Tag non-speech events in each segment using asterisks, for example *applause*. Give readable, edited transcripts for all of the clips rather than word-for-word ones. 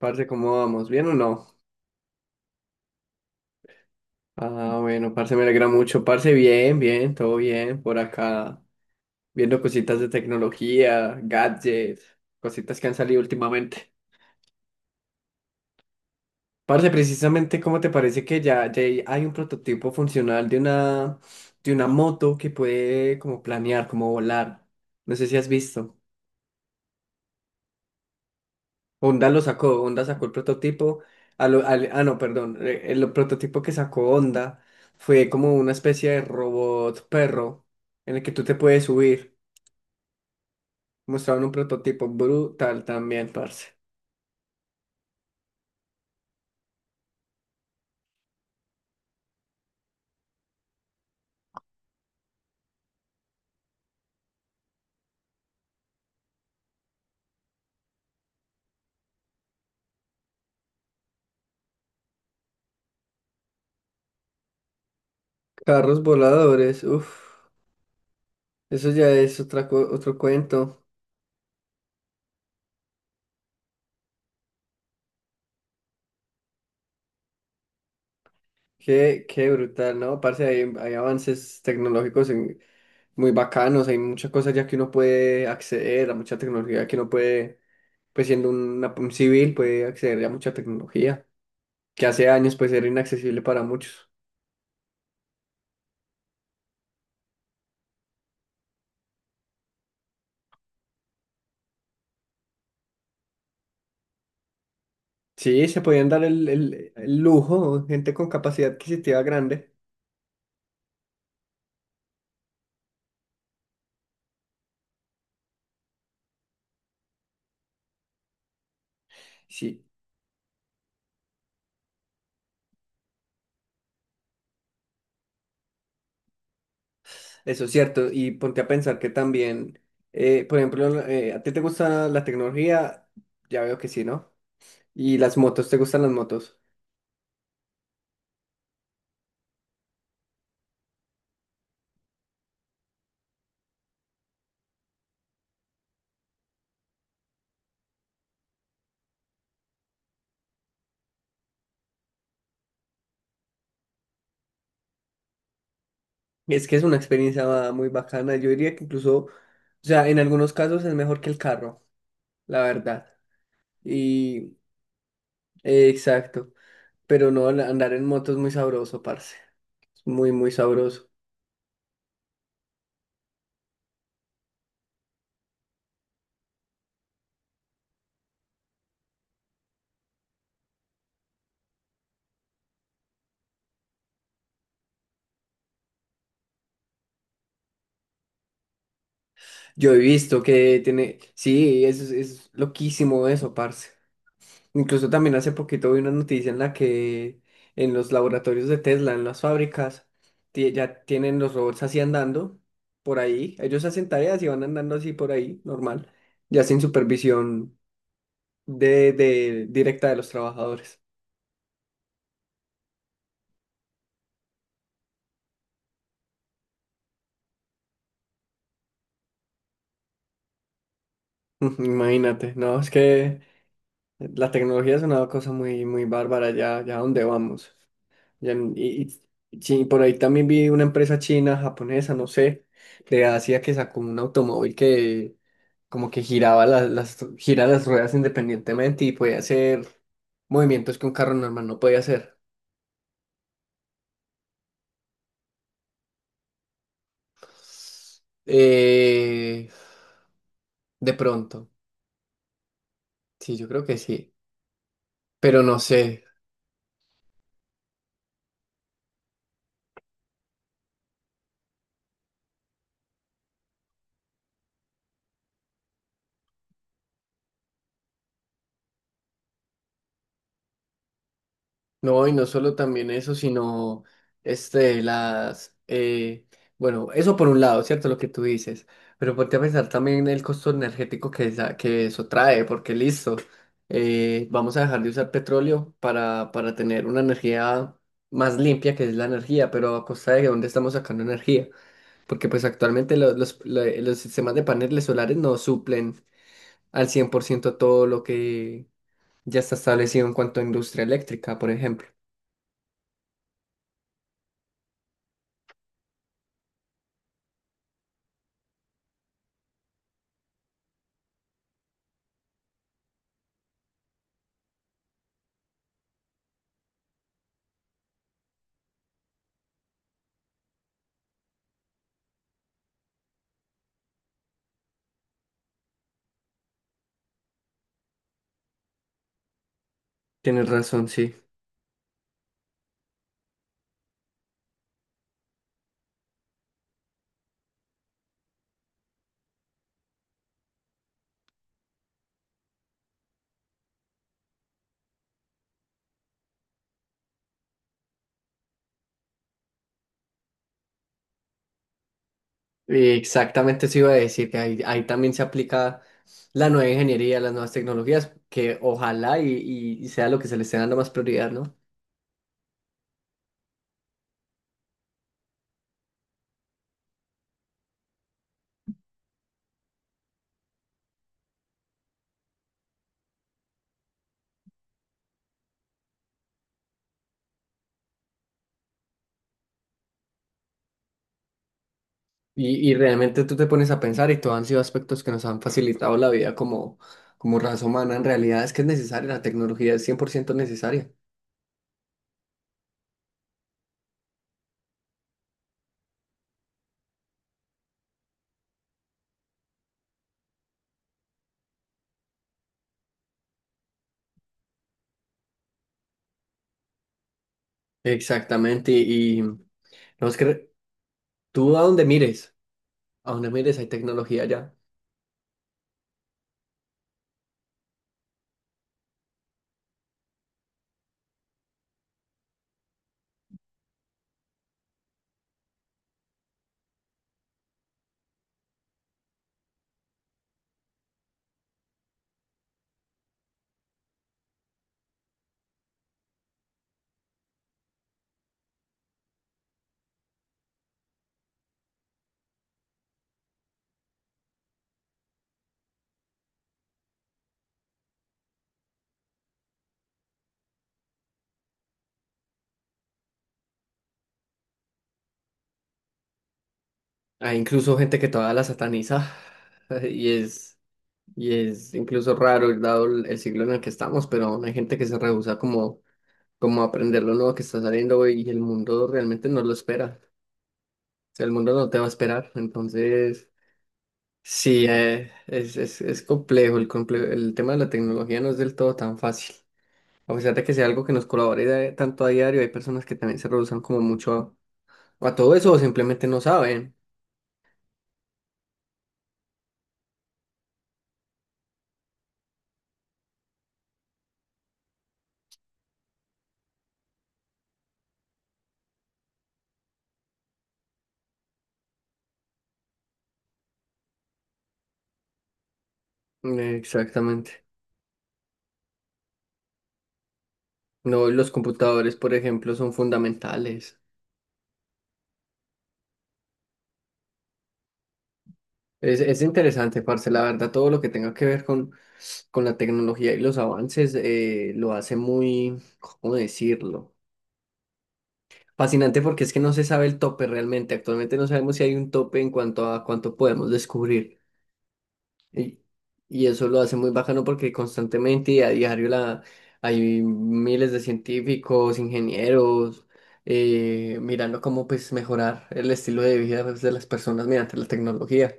Parce, ¿cómo vamos? ¿Bien o no? Ah, bueno, parce, me alegra mucho. Parce, bien, bien, todo bien. Por acá, viendo cositas de tecnología, gadgets, cositas que han salido últimamente. Parce, precisamente, ¿cómo te parece que ya hay un prototipo funcional de una moto que puede como planear, como volar? No sé si has visto. Honda lo sacó, Honda sacó el prototipo. Ah, no, perdón, prototipo que sacó Honda fue como una especie de robot perro en el que tú te puedes subir. Mostraron un prototipo brutal también, parce. Carros voladores, uff, eso ya es otro cuento. Qué brutal, ¿no? Parce, hay avances tecnológicos muy bacanos, hay muchas cosas ya que uno puede acceder a mucha tecnología que uno puede, pues siendo un civil, puede acceder a mucha tecnología que hace años pues era inaccesible para muchos. Sí, se podían dar el lujo, gente con capacidad adquisitiva grande. Sí, eso es cierto. Y ponte a pensar que también, por ejemplo, ¿a ti te gusta la tecnología? Ya veo que sí, ¿no? ¿Y las motos? ¿Te gustan las motos? Es que es una experiencia muy bacana. Yo diría que incluso, o sea, en algunos casos es mejor que el carro, la verdad. Y exacto. Pero no, andar en moto es muy sabroso, parce. Es muy, muy sabroso. Yo he visto que tiene, sí, es loquísimo eso, parce. Incluso también hace poquito vi una noticia en la que en los laboratorios de Tesla, en las fábricas, ya tienen los robots así andando por ahí. Ellos hacen tareas y van andando así por ahí, normal, ya sin supervisión directa de los trabajadores. *laughs* Imagínate, no, es que la tecnología es una cosa muy, muy bárbara ya a dónde vamos. Ya n- Y, y sí, por ahí también vi una empresa china, japonesa, no sé, de Asia, que sacó un automóvil que como que gira las ruedas independientemente y podía hacer movimientos que un carro normal no podía hacer. Eh, de pronto, sí, yo creo que sí, pero no sé. No, y no solo también eso, sino este, bueno, eso por un lado, ¿cierto? Lo que tú dices, pero ponte a pensar también el costo energético que eso trae, porque listo, vamos a dejar de usar petróleo para tener una energía más limpia, que es la energía, pero a costa de dónde estamos sacando energía, porque pues actualmente los sistemas de paneles solares no suplen al 100% todo lo que ya está establecido en cuanto a industria eléctrica, por ejemplo. Tienes razón, sí. Y exactamente eso iba a decir, que ahí también se aplica la nueva ingeniería, las nuevas tecnologías, que ojalá y sea lo que se le esté dando más prioridad, ¿no? Y realmente tú te pones a pensar y todos han sido aspectos que nos han facilitado la vida como raza humana. En realidad es que es necesaria, la tecnología es cien por ciento necesaria. Exactamente, y no es que tú, a donde mires hay tecnología ya. Hay incluso gente que todavía la sataniza *laughs* y es. Y es incluso raro, dado el siglo en el que estamos, pero aún hay gente que se rehúsa como a aprender lo nuevo que está saliendo y el mundo realmente no lo espera. O sea, el mundo no te va a esperar. Entonces, sí, es complejo. El tema de la tecnología no es del todo tan fácil. A pesar de que sea algo que nos colabore tanto a diario, hay personas que también se rehúsan como mucho a todo eso, o simplemente no saben. Exactamente. No, los computadores, por ejemplo, son fundamentales. Es interesante, parce, la verdad, todo lo que tenga que ver con la tecnología y los avances, lo hace muy, ¿cómo decirlo? Fascinante, porque es que no se sabe el tope realmente. Actualmente no sabemos si hay un tope en cuanto a cuánto podemos descubrir. Y, y eso lo hace muy bacano, porque constantemente y a diario hay miles de científicos, ingenieros, mirando cómo pues mejorar el estilo de vida, pues, de las personas mediante la tecnología.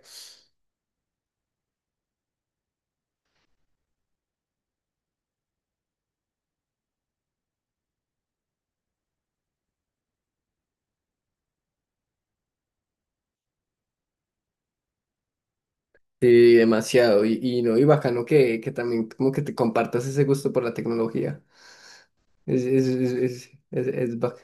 Sí, demasiado. Y no, y bacano que, también como que te compartas ese gusto por la tecnología. Es.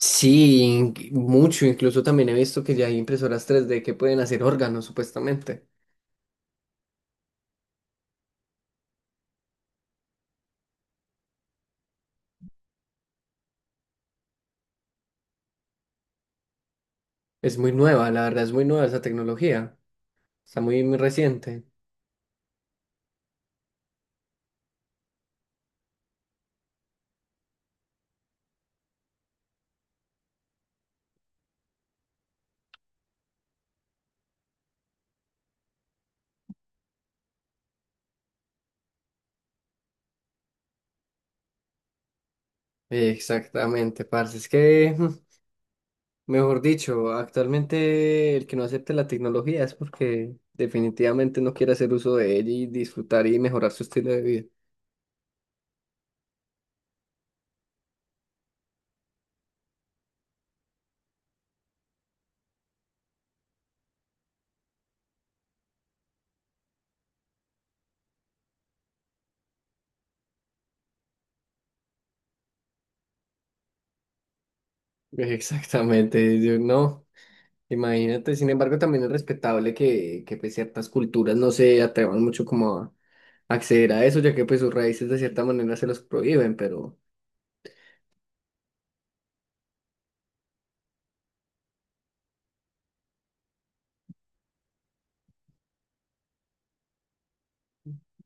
Sí, mucho. Incluso también he visto que ya hay impresoras 3D que pueden hacer órganos, supuestamente. Es muy nueva, la verdad es muy nueva esa tecnología. Está muy, muy reciente. Exactamente, parce. Es que, mejor dicho, actualmente el que no acepte la tecnología es porque definitivamente no quiere hacer uso de ella y disfrutar y mejorar su estilo de vida. *laughs* Exactamente, yo no, imagínate. Sin embargo, también es respetable que, pues, ciertas culturas no se atrevan mucho como a acceder a eso, ya que pues sus raíces de cierta manera se los prohíben, pero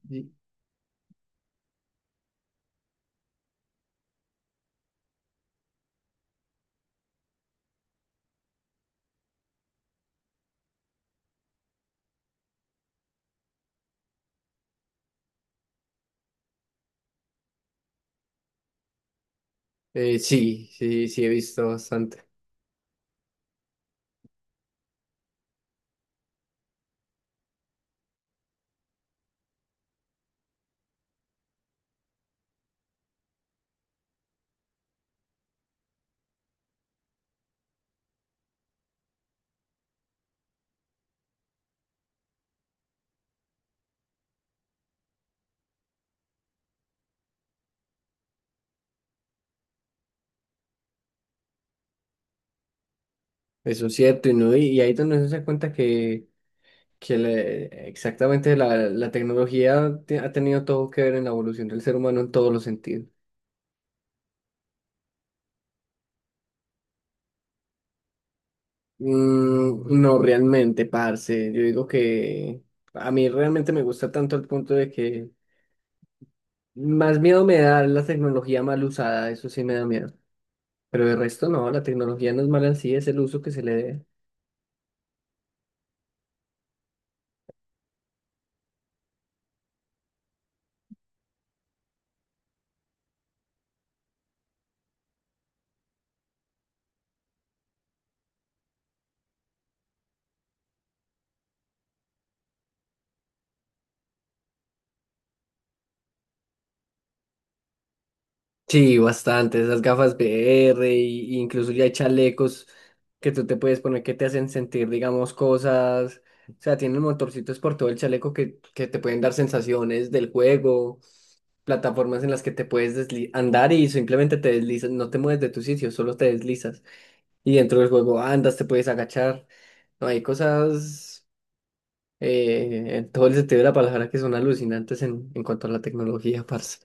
sí, sí, sí, sí he visto bastante, eso es cierto, y, no, y ahí es donde uno se da cuenta que, exactamente la tecnología ha tenido todo que ver en la evolución del ser humano en todos los sentidos. Mm, no, realmente, parce. Yo digo que a mí realmente me gusta tanto, el punto de que más miedo me da la tecnología mal usada, eso sí me da miedo. Pero de resto no, la tecnología no es mala en sí, es el uso que se le dé. Sí, bastante. Esas gafas VR, y incluso ya hay chalecos que tú te puedes poner que te hacen sentir, digamos, cosas. O sea, tienen motorcitos por todo el chaleco que, te pueden dar sensaciones del juego. Plataformas en las que te puedes andar y simplemente te deslizas, no te mueves de tu sitio, solo te deslizas. Y dentro del juego andas, te puedes agachar. No, hay cosas, en todo el sentido de la palabra, que son alucinantes en cuanto a la tecnología, *laughs* parce.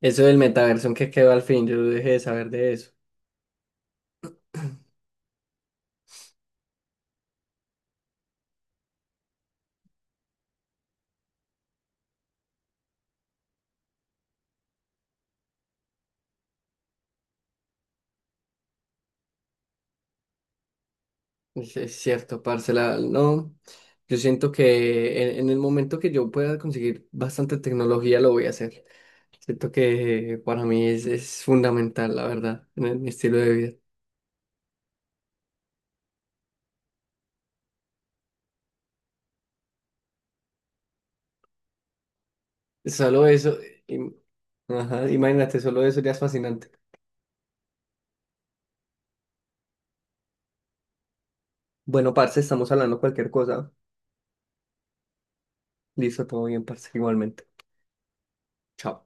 Eso del metaverso, que quedó al fin? Yo dejé de saber de eso. Es cierto, parce, no. Yo siento que en el momento que yo pueda conseguir bastante tecnología, lo voy a hacer. Siento que para mí es fundamental, la verdad, mi estilo de vida. Solo eso, im- ajá, imagínate, solo eso ya es fascinante. Bueno, parce, estamos hablando cualquier cosa. Listo, todo bien, parce, igualmente. Chao.